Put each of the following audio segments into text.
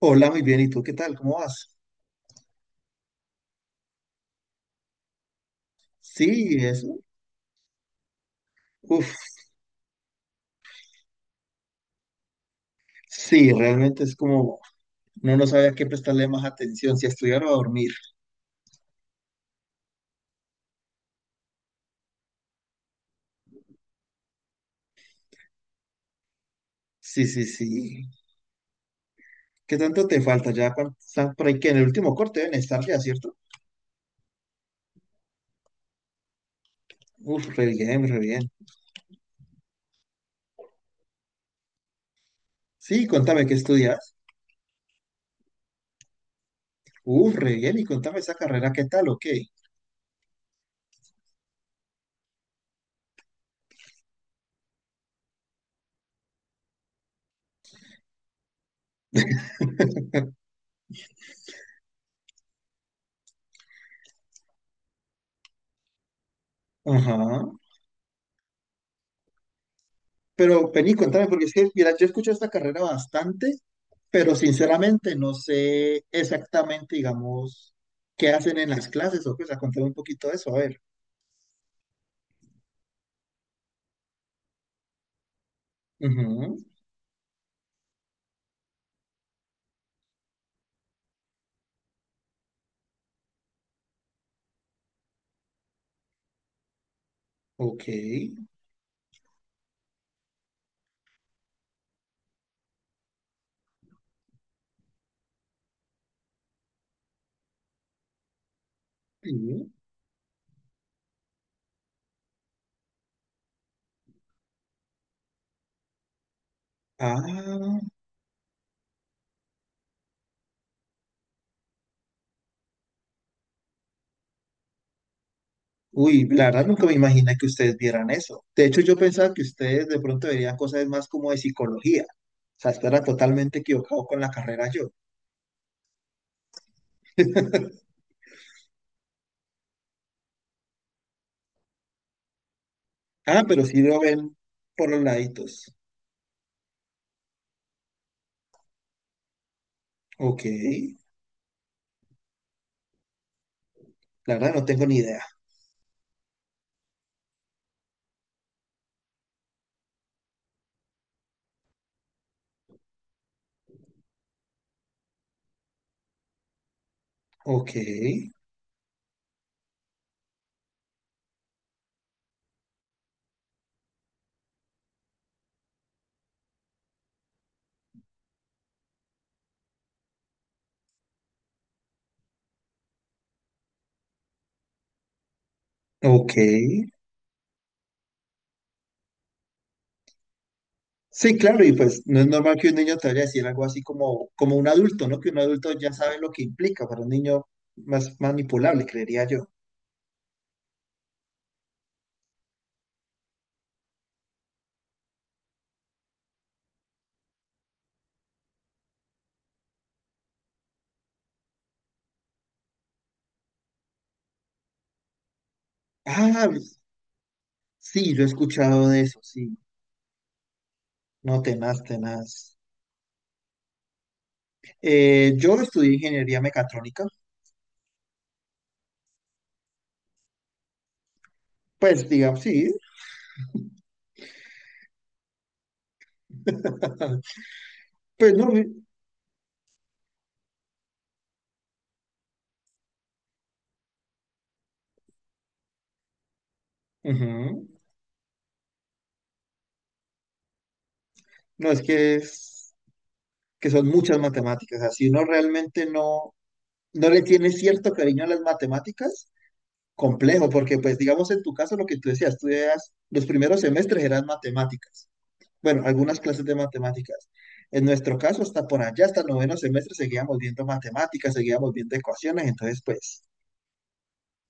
Hola, muy bien. ¿Y tú qué tal? ¿Cómo vas? Sí, eso. Uf, sí, realmente es como no sabía a qué prestarle más atención, si a estudiar o a dormir. Sí, sí, sí. ¿Qué tanto te falta? Ya están por ahí que en el último corte deben estar ya, ¿cierto? Uf, re bien, re bien. Sí, contame qué estudias. Uf, re bien. Y contame esa carrera, ¿qué tal o qué? Ajá. Pero vení, contame, porque es que, mira, yo escucho esta carrera bastante, pero sinceramente no sé exactamente, digamos, qué hacen en las clases o qué. O sea, contame un poquito de eso, a ver. Ujú. Ok. Sí. Ah, uy, la verdad nunca me imaginé que ustedes vieran eso. De hecho, yo pensaba que ustedes de pronto verían cosas más como de psicología. O sea, estaba totalmente equivocado con la carrera yo. Ah, pero sí lo ven por los laditos. Ok. La verdad no tengo ni idea. Ok. Ok. Sí, claro, y pues no es normal que un niño te vaya a decir algo así como, como un adulto, ¿no? Que un adulto ya sabe lo que implica para un niño más manipulable, creería yo. Ah, sí, yo he escuchado de eso, sí, no, tenaz, tenaz. Yo estudié ingeniería mecatrónica, pues digamos, sí, pues no, ujú. No, es que es que son muchas matemáticas, así uno realmente no, no le tiene cierto cariño a las matemáticas, complejo, porque pues digamos en tu caso lo que tú decías, tú eras, los primeros semestres eran matemáticas, bueno, algunas clases de matemáticas. En nuestro caso, hasta por allá, hasta el noveno semestre, seguíamos viendo matemáticas, seguíamos viendo ecuaciones, entonces pues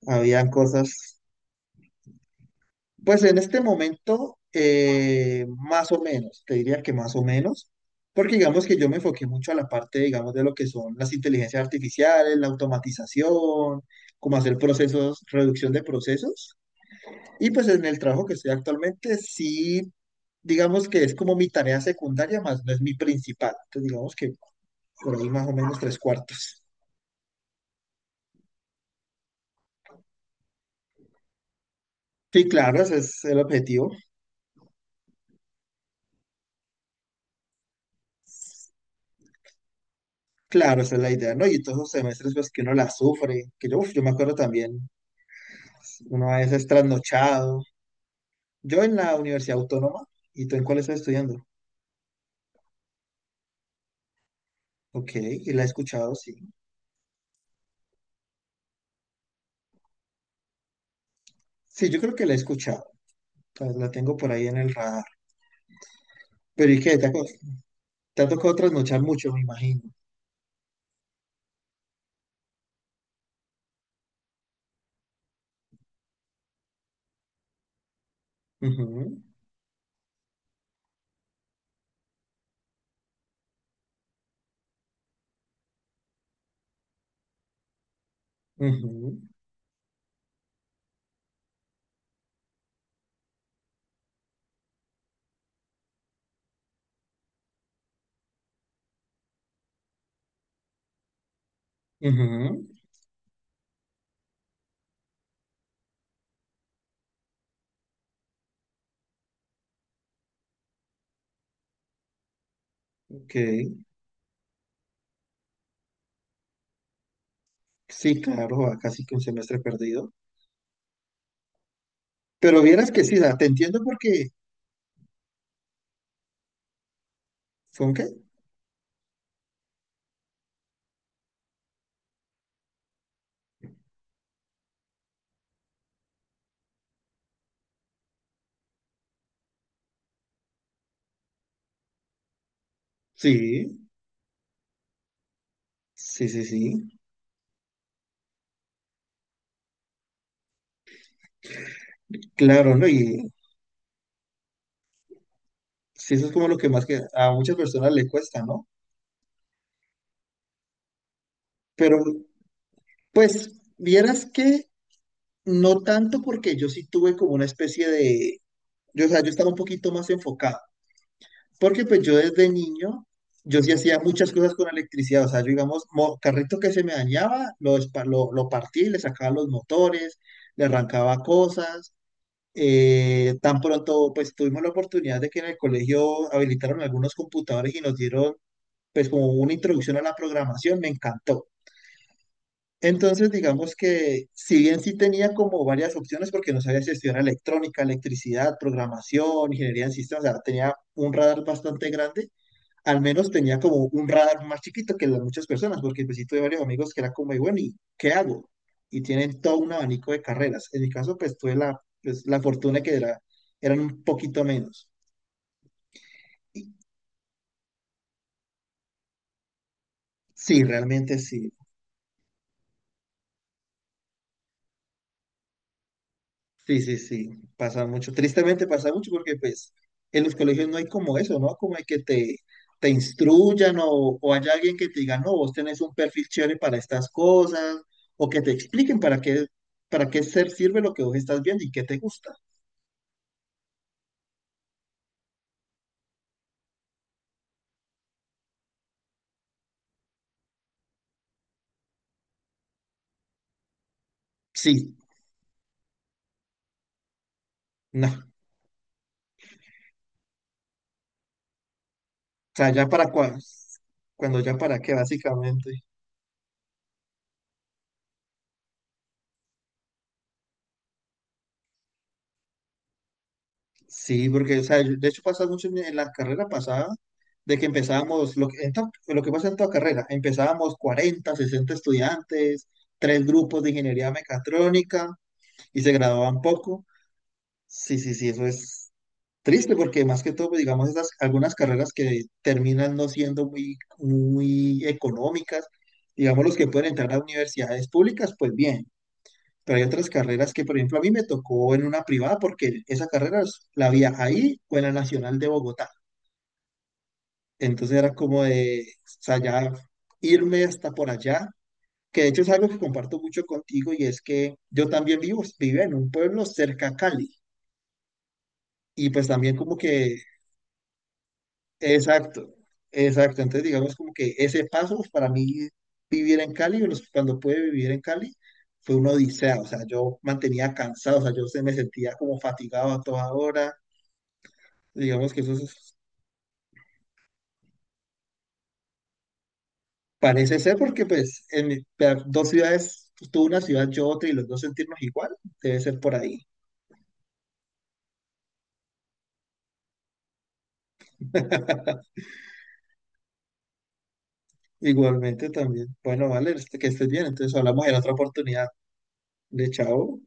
habían cosas, pues en este momento, más o menos, te diría que más o menos, porque digamos que yo me enfoqué mucho a la parte, digamos, de lo que son las inteligencias artificiales, la automatización, cómo hacer procesos, reducción de procesos. Y pues en el trabajo que estoy actualmente, sí, digamos que es como mi tarea secundaria, más no es mi principal. Entonces, digamos que por ahí más o menos tres cuartos. Sí, claro, ese es el objetivo. Claro, esa es la idea, ¿no? Y todos esos semestres, pues que uno la sufre, que yo, uf, yo me acuerdo también, uno a veces trasnochado. Yo en la Universidad Autónoma, ¿y tú en cuál estás estudiando? Ok, y la he escuchado, sí. Sí, yo creo que la he escuchado, pues la tengo por ahí en el radar. Pero ¿y qué? Te ha tocado trasnochar mucho, me imagino. Ujú. Ujú, ujú, ok. Sí, claro, a casi que un semestre perdido. Pero vieras que sí, da, te entiendo porque, ¿con qué? Sí, sí, sí, sí. Claro, ¿no? Y sí, eso es como lo que más que a muchas personas le cuesta, ¿no? Pero, pues, vieras que no tanto porque yo sí tuve como una especie de, yo, o sea, yo estaba un poquito más enfocado. Porque pues yo desde niño, yo sí hacía muchas cosas con electricidad, o sea, yo digamos, carrito que se me dañaba, lo, lo partí, le sacaba los motores, le arrancaba cosas. Tan pronto pues tuvimos la oportunidad de que en el colegio habilitaron algunos computadores y nos dieron pues como una introducción a la programación, me encantó. Entonces digamos que si bien sí tenía como varias opciones porque no sabía si estudiar electrónica, electricidad, programación, ingeniería en sistemas, o sea, tenía un radar bastante grande, al menos tenía como un radar más chiquito que las muchas personas, porque pues sí tuve varios amigos que era como, y bueno, ¿y qué hago? Y tienen todo un abanico de carreras. En mi caso, pues tuve la, pues, la fortuna que era, eran un poquito menos. Y sí, realmente sí, sí, sí, sí, pasa mucho. Tristemente pasa mucho porque pues en los colegios no hay como eso, ¿no? Como hay que te instruyan o haya alguien que te diga, no, vos tenés un perfil chévere para estas cosas, o que te expliquen para qué ser sirve lo que vos estás viendo y qué te gusta. Sí, no. O sea, ya cuando ya para qué, básicamente. Sí, porque, o sea, yo- de hecho pasa mucho en la carrera pasada, de que empezábamos, lo que, lo que pasa en toda carrera, empezábamos 40, 60 estudiantes, tres grupos de ingeniería mecatrónica y se graduaban poco. Sí, sí, sí, eso es triste porque más que todo, pues, digamos, esas algunas carreras que terminan no siendo muy, muy económicas, digamos, los que pueden entrar a universidades públicas, pues bien. Pero hay otras carreras que, por ejemplo, a mí me tocó en una privada porque esa carrera la había ahí o en la Nacional de Bogotá. Entonces era como de, o sea, ya irme hasta por allá, que de hecho es algo que comparto mucho contigo y es que yo también vivo, vivo en un pueblo cerca a Cali y pues también como que, exacto, exacto. Entonces digamos como que ese paso pues, para mí vivir en Cali, o cuando pude vivir en Cali, fue una odisea, o sea, yo mantenía cansado, o sea, yo se me sentía como fatigado a toda hora. Digamos que eso parece ser porque pues en dos ciudades, pues, tú una ciudad, yo otra y los dos sentirnos igual, debe ser por ahí. Igualmente también. Bueno, vale, que estés bien. Entonces hablamos en otra oportunidad. De chao.